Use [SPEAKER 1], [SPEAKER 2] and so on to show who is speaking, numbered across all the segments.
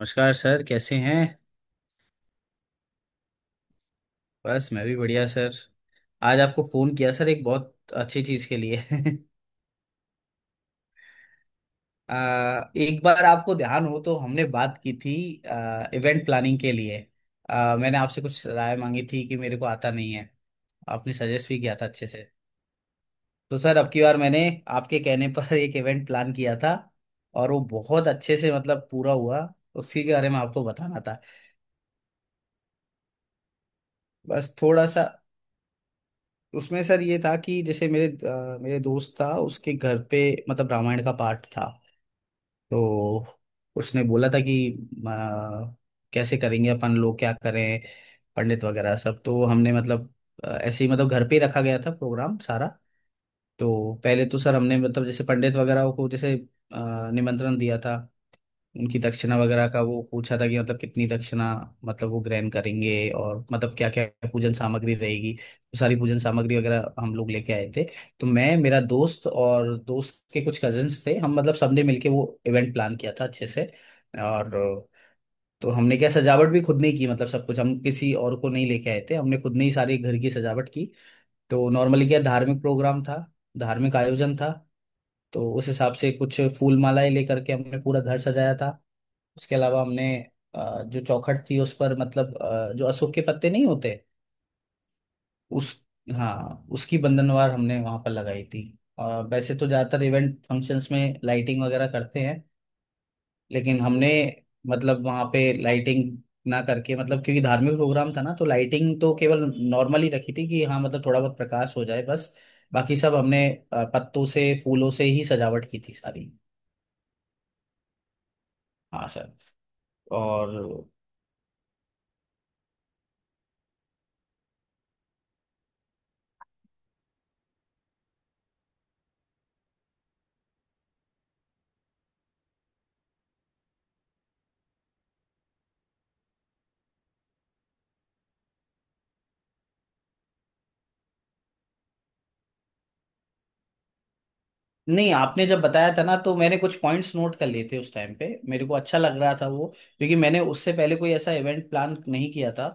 [SPEAKER 1] नमस्कार सर, कैसे हैं। बस मैं भी बढ़िया सर। आज आपको फोन किया सर, एक बहुत अच्छी चीज के लिए। एक बार आपको ध्यान हो तो हमने बात की थी, इवेंट प्लानिंग के लिए। मैंने आपसे कुछ राय मांगी थी कि मेरे को आता नहीं है। आपने सजेस्ट भी किया था अच्छे से। तो सर, अब की बार मैंने आपके कहने पर एक इवेंट प्लान किया था और वो बहुत अच्छे से मतलब पूरा हुआ। उसी के बारे में आपको बताना था। बस थोड़ा सा उसमें सर ये था कि जैसे मेरे दोस्त था उसके घर पे, मतलब रामायण का पाठ था। तो उसने बोला था कि अ, कैसे करेंगे अपन लोग, क्या करें। पंडित वगैरह सब तो हमने मतलब ऐसे ही, मतलब घर पे ही रखा गया था प्रोग्राम सारा। तो पहले तो सर हमने मतलब जैसे पंडित वगैरह को जैसे निमंत्रण दिया था। उनकी दक्षिणा वगैरह का वो पूछा था कि मतलब कितनी दक्षिणा, मतलब वो ग्रहण करेंगे, और मतलब क्या क्या पूजन सामग्री रहेगी। तो सारी पूजन सामग्री वगैरह हम लोग लेके आए थे। तो मैं, मेरा दोस्त और दोस्त के कुछ कजिन्स थे, हम मतलब सबने मिलके वो इवेंट प्लान किया था अच्छे से। और तो हमने क्या, सजावट भी खुद ने ही की, मतलब सब कुछ, हम किसी और को नहीं लेके आए थे, हमने खुद ने ही सारी घर की सजावट की। तो नॉर्मली क्या, धार्मिक प्रोग्राम था, धार्मिक आयोजन था। तो उस हिसाब से कुछ फूल मालाएं लेकर के हमने पूरा घर सजाया था। उसके अलावा हमने जो चौखट थी उस पर, मतलब जो अशोक के पत्ते नहीं होते उस हाँ, उसकी बंधनवार हमने वहां पर लगाई थी। और वैसे तो ज्यादातर इवेंट फंक्शंस में लाइटिंग वगैरह करते हैं, लेकिन हमने मतलब वहां पे लाइटिंग ना करके, मतलब क्योंकि धार्मिक प्रोग्राम था ना, तो लाइटिंग तो केवल नॉर्मल ही रखी थी कि हाँ मतलब थोड़ा बहुत प्रकाश हो जाए बस। बाकी सब हमने पत्तों से फूलों से ही सजावट की थी सारी। हाँ सर। और नहीं, आपने जब बताया था ना तो मैंने कुछ पॉइंट्स नोट कर लिए थे, उस टाइम पे मेरे को अच्छा लग रहा था वो, क्योंकि मैंने उससे पहले कोई ऐसा इवेंट प्लान नहीं किया था।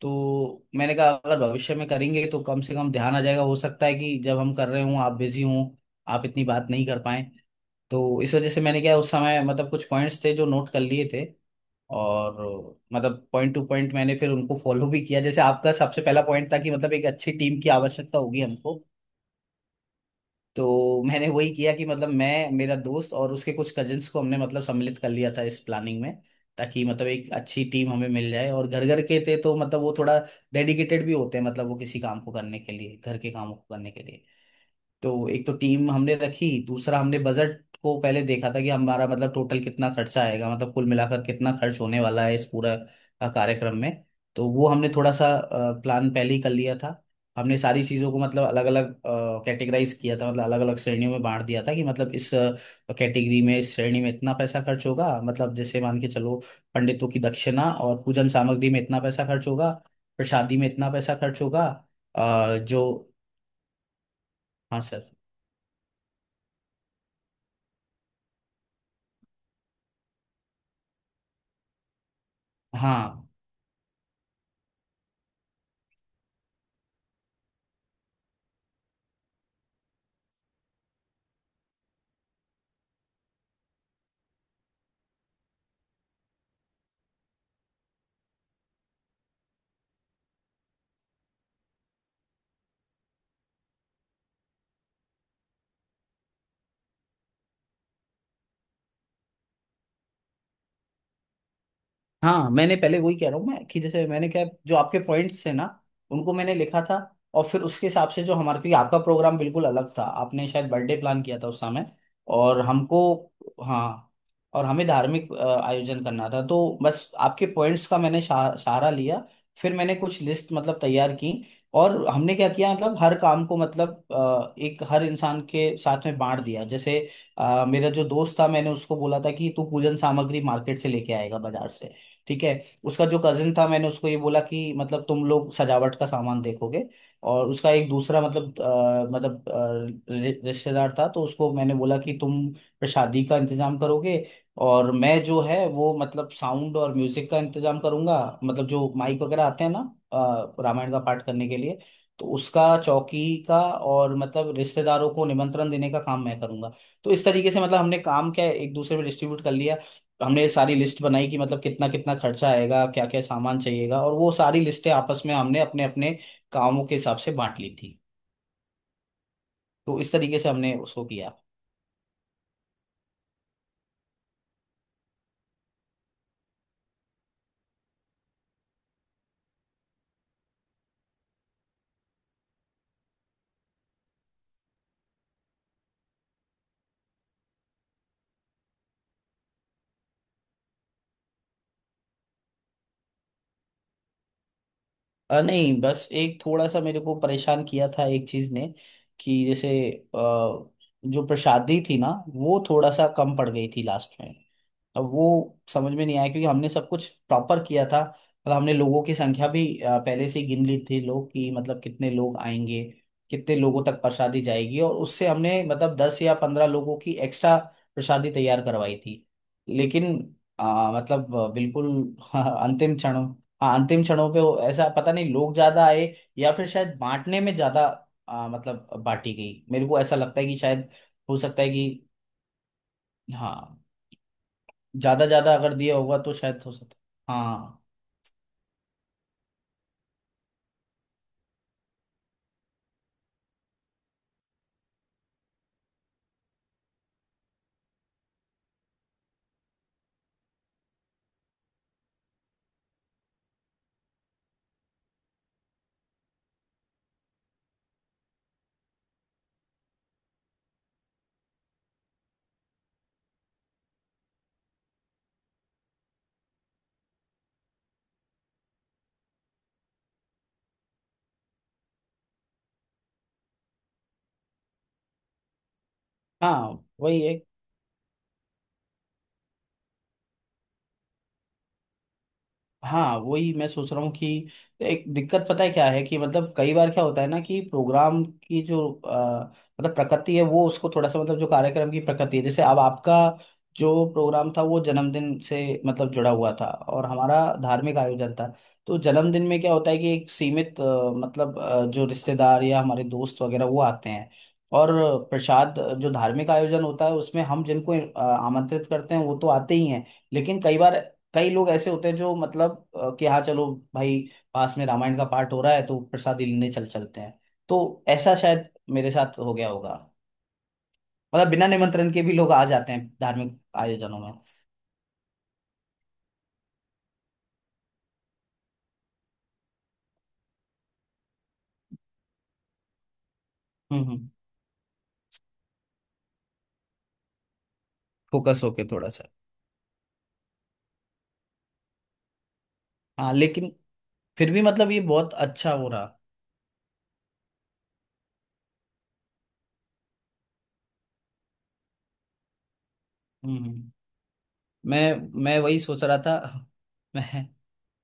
[SPEAKER 1] तो मैंने कहा अगर भविष्य में करेंगे तो कम से कम ध्यान आ जाएगा, हो सकता है कि जब हम कर रहे हों आप बिजी हों, आप इतनी बात नहीं कर पाए। तो इस वजह से मैंने क्या, उस समय मतलब कुछ पॉइंट्स थे जो नोट कर लिए थे। और मतलब पॉइंट टू पॉइंट मैंने फिर उनको फॉलो भी किया। जैसे आपका सबसे पहला पॉइंट था कि मतलब एक अच्छी टीम की आवश्यकता होगी हमको। तो मैंने वही किया कि मतलब मैं, मेरा दोस्त और उसके कुछ कजिन्स को हमने मतलब सम्मिलित कर लिया था इस प्लानिंग में, ताकि मतलब एक अच्छी टीम हमें मिल जाए। और घर घर के थे तो मतलब वो थोड़ा डेडिकेटेड भी होते हैं, मतलब वो किसी काम को करने के लिए, घर के कामों को करने के लिए। तो एक तो टीम हमने रखी। दूसरा, हमने बजट को पहले देखा था कि हमारा मतलब टोटल कितना खर्चा आएगा, मतलब कुल मिलाकर कितना खर्च होने वाला है इस पूरा कार्यक्रम में। तो वो हमने थोड़ा सा प्लान पहले ही कर लिया था। हमने सारी चीज़ों को मतलब अलग अलग कैटेगराइज किया था, मतलब अलग अलग श्रेणियों में बांट दिया था कि मतलब इस कैटेगरी में, इस श्रेणी में इतना पैसा खर्च होगा। मतलब जैसे मान के चलो, पंडितों की दक्षिणा और पूजन सामग्री में इतना पैसा खर्च होगा, प्रसादी में इतना पैसा खर्च होगा। जो। हाँ सर। हाँ, हाँ, मैंने पहले वही कह रहा हूँ मैं कि जैसे मैंने क्या, जो आपके पॉइंट्स थे ना, उनको मैंने लिखा था। और फिर उसके हिसाब से जो हमारा, क्योंकि आपका प्रोग्राम बिल्कुल अलग था, आपने शायद बर्थडे प्लान किया था उस समय। और हमको हाँ। और हमें धार्मिक आयोजन करना था, तो बस आपके पॉइंट्स का मैंने सहारा लिया। फिर मैंने कुछ लिस्ट मतलब तैयार की। और हमने क्या किया, मतलब हर काम को मतलब एक हर इंसान के साथ में बांट दिया। जैसे मेरा जो दोस्त था, मैंने उसको बोला था कि तू पूजन सामग्री मार्केट से लेके आएगा, बाजार से। ठीक है। उसका जो कजिन था, मैंने उसको ये बोला कि मतलब तुम लोग सजावट का सामान देखोगे। और उसका एक दूसरा मतलब रिश्तेदार था, तो उसको मैंने बोला कि तुम प्रसादी का इंतजाम करोगे। और मैं, जो है वो मतलब साउंड और म्यूजिक का इंतजाम करूंगा, मतलब जो माइक वगैरह आते हैं ना, रामायण का पाठ करने के लिए। तो उसका चौकी का और मतलब रिश्तेदारों को निमंत्रण देने का काम मैं करूंगा। तो इस तरीके से मतलब हमने काम क्या है, एक दूसरे में डिस्ट्रीब्यूट कर लिया है। हमने सारी लिस्ट बनाई कि मतलब कितना कितना खर्चा आएगा, क्या क्या सामान चाहिएगा। और वो सारी लिस्टें आपस में हमने अपने अपने कामों के हिसाब से बांट ली थी। तो इस तरीके से हमने उसको किया। नहीं, बस एक थोड़ा सा मेरे को परेशान किया था एक चीज ने, कि जैसे जो प्रसादी थी ना, वो थोड़ा सा कम पड़ गई थी लास्ट में। अब वो समझ में नहीं आया, क्योंकि हमने सब कुछ प्रॉपर किया था। मतलब हमने लोगों की संख्या भी पहले से ही गिन ली थी, लोग कि मतलब कितने लोग आएंगे, कितने लोगों तक प्रसादी जाएगी। और उससे हमने मतलब 10 या 15 लोगों की एक्स्ट्रा प्रसादी तैयार करवाई थी। लेकिन बिल्कुल। अंतिम क्षणों हाँ, अंतिम क्षणों पे ऐसा पता नहीं, लोग ज्यादा आए या फिर शायद बांटने में ज्यादा मतलब बांटी गई। मेरे को ऐसा लगता है कि शायद हो सकता है कि, हाँ, ज्यादा ज्यादा अगर दिया होगा तो शायद हो सकता है। हाँ। हाँ वही है। हाँ, वही मैं सोच रहा हूँ कि एक दिक्कत पता है क्या है, कि मतलब कई बार क्या होता है ना, कि प्रोग्राम की जो अ, मतलब प्रकृति है, वो उसको थोड़ा सा मतलब जो कार्यक्रम की प्रकृति है। जैसे अब आपका जो प्रोग्राम था वो जन्मदिन से मतलब जुड़ा हुआ था, और हमारा धार्मिक आयोजन था। तो जन्मदिन में क्या होता है कि एक सीमित मतलब जो रिश्तेदार या हमारे दोस्त वगैरह वो आते हैं। और प्रसाद, जो धार्मिक आयोजन होता है उसमें हम जिनको आमंत्रित करते हैं वो तो आते ही हैं, लेकिन कई बार कई लोग ऐसे होते हैं जो मतलब कि, हाँ चलो भाई, पास में रामायण का पाठ हो रहा है तो प्रसाद ही लेने चल चलते हैं। तो ऐसा शायद मेरे साथ हो गया होगा, मतलब बिना निमंत्रण के भी लोग आ जाते हैं धार्मिक आयोजनों में। हम्म। फोकस होके थोड़ा सा। हाँ, लेकिन फिर भी मतलब ये बहुत अच्छा हो रहा। हम्म हम्म। मैं मैं वही सोच रहा था। मैं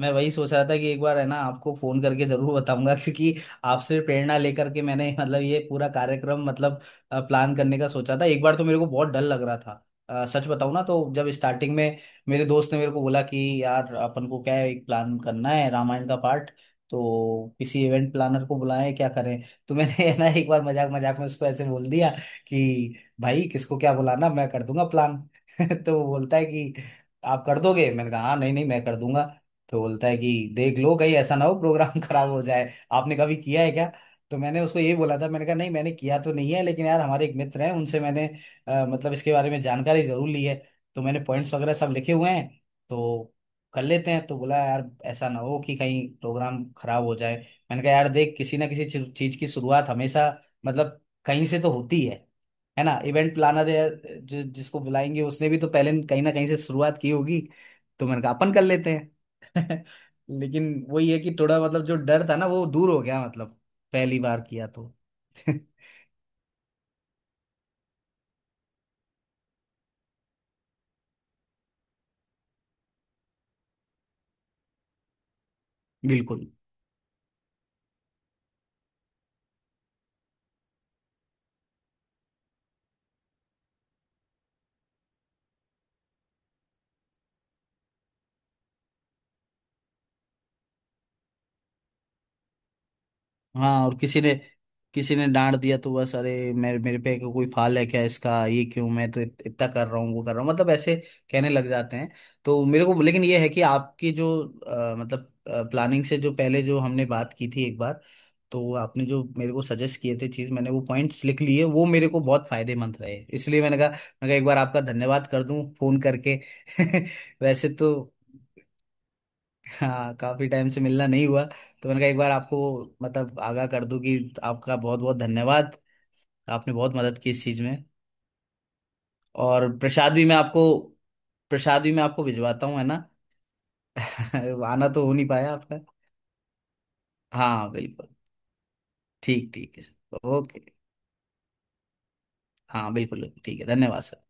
[SPEAKER 1] मैं वही सोच रहा था कि एक बार है ना आपको फोन करके जरूर बताऊंगा, क्योंकि आपसे प्रेरणा लेकर के मैंने मतलब ये पूरा कार्यक्रम मतलब प्लान करने का सोचा था। एक बार तो मेरे को बहुत डर लग रहा था, सच बताऊं ना, तो जब स्टार्टिंग में मेरे दोस्त ने मेरे को बोला कि यार अपन को क्या है, एक प्लान करना है रामायण का पार्ट, तो किसी इवेंट प्लानर को बुलाएं, क्या करें। तो मैंने है ना एक बार मजाक मजाक में उसको ऐसे बोल दिया कि भाई किसको क्या बुलाना, मैं कर दूंगा प्लान। तो वो बोलता है कि आप कर दोगे। मैंने कहा हाँ, नहीं नहीं, मैं कर दूंगा। तो बोलता है कि देख लो कहीं ऐसा ना हो प्रोग्राम खराब हो जाए, आपने कभी किया है क्या। तो मैंने उसको यही बोला था, मैंने कहा नहीं, मैंने किया तो नहीं है, लेकिन यार हमारे एक मित्र हैं, उनसे मैंने मतलब इसके बारे में जानकारी जरूर ली है। तो मैंने पॉइंट्स वगैरह सब लिखे हुए हैं, तो कर लेते हैं। तो बोला यार ऐसा ना हो कि कहीं प्रोग्राम खराब हो जाए। मैंने कहा यार देख, किसी ना किसी चीज चीज की शुरुआत हमेशा मतलब कहीं से तो होती है ना। इवेंट प्लानर या जो, जिसको बुलाएंगे उसने भी तो पहले कहीं ना कहीं से शुरुआत की होगी। तो मैंने कहा अपन कर लेते हैं। लेकिन वही है कि थोड़ा मतलब जो डर था ना वो दूर हो गया, मतलब पहली बार किया तो। बिल्कुल। हाँ, और किसी ने डांट दिया तो बस, अरे मेरे मेरे पे कोई फाल है क्या इसका, ये क्यों, मैं तो इतना कर रहा हूँ वो कर रहा हूँ, मतलब ऐसे कहने लग जाते हैं। तो मेरे को लेकिन ये है कि आपकी जो मतलब प्लानिंग से जो पहले जो हमने बात की थी एक बार, तो आपने जो मेरे को सजेस्ट किए थे चीज, मैंने वो पॉइंट्स लिख लिए, वो मेरे को बहुत फायदेमंद रहे। इसलिए मैंने कहा मैं कहा एक बार आपका धन्यवाद कर दूं फोन करके। वैसे तो, हाँ, काफी टाइम से मिलना नहीं हुआ, तो मैंने कहा एक बार आपको मतलब आगाह कर दूं कि आपका बहुत बहुत धन्यवाद। आपने बहुत मदद की इस चीज में। और प्रसाद भी मैं आपको भिजवाता हूँ, है ना। आना तो हो नहीं पाया आपका। हाँ बिल्कुल। ठीक ठीक है सर, ओके। हाँ बिल्कुल ठीक है, धन्यवाद सर।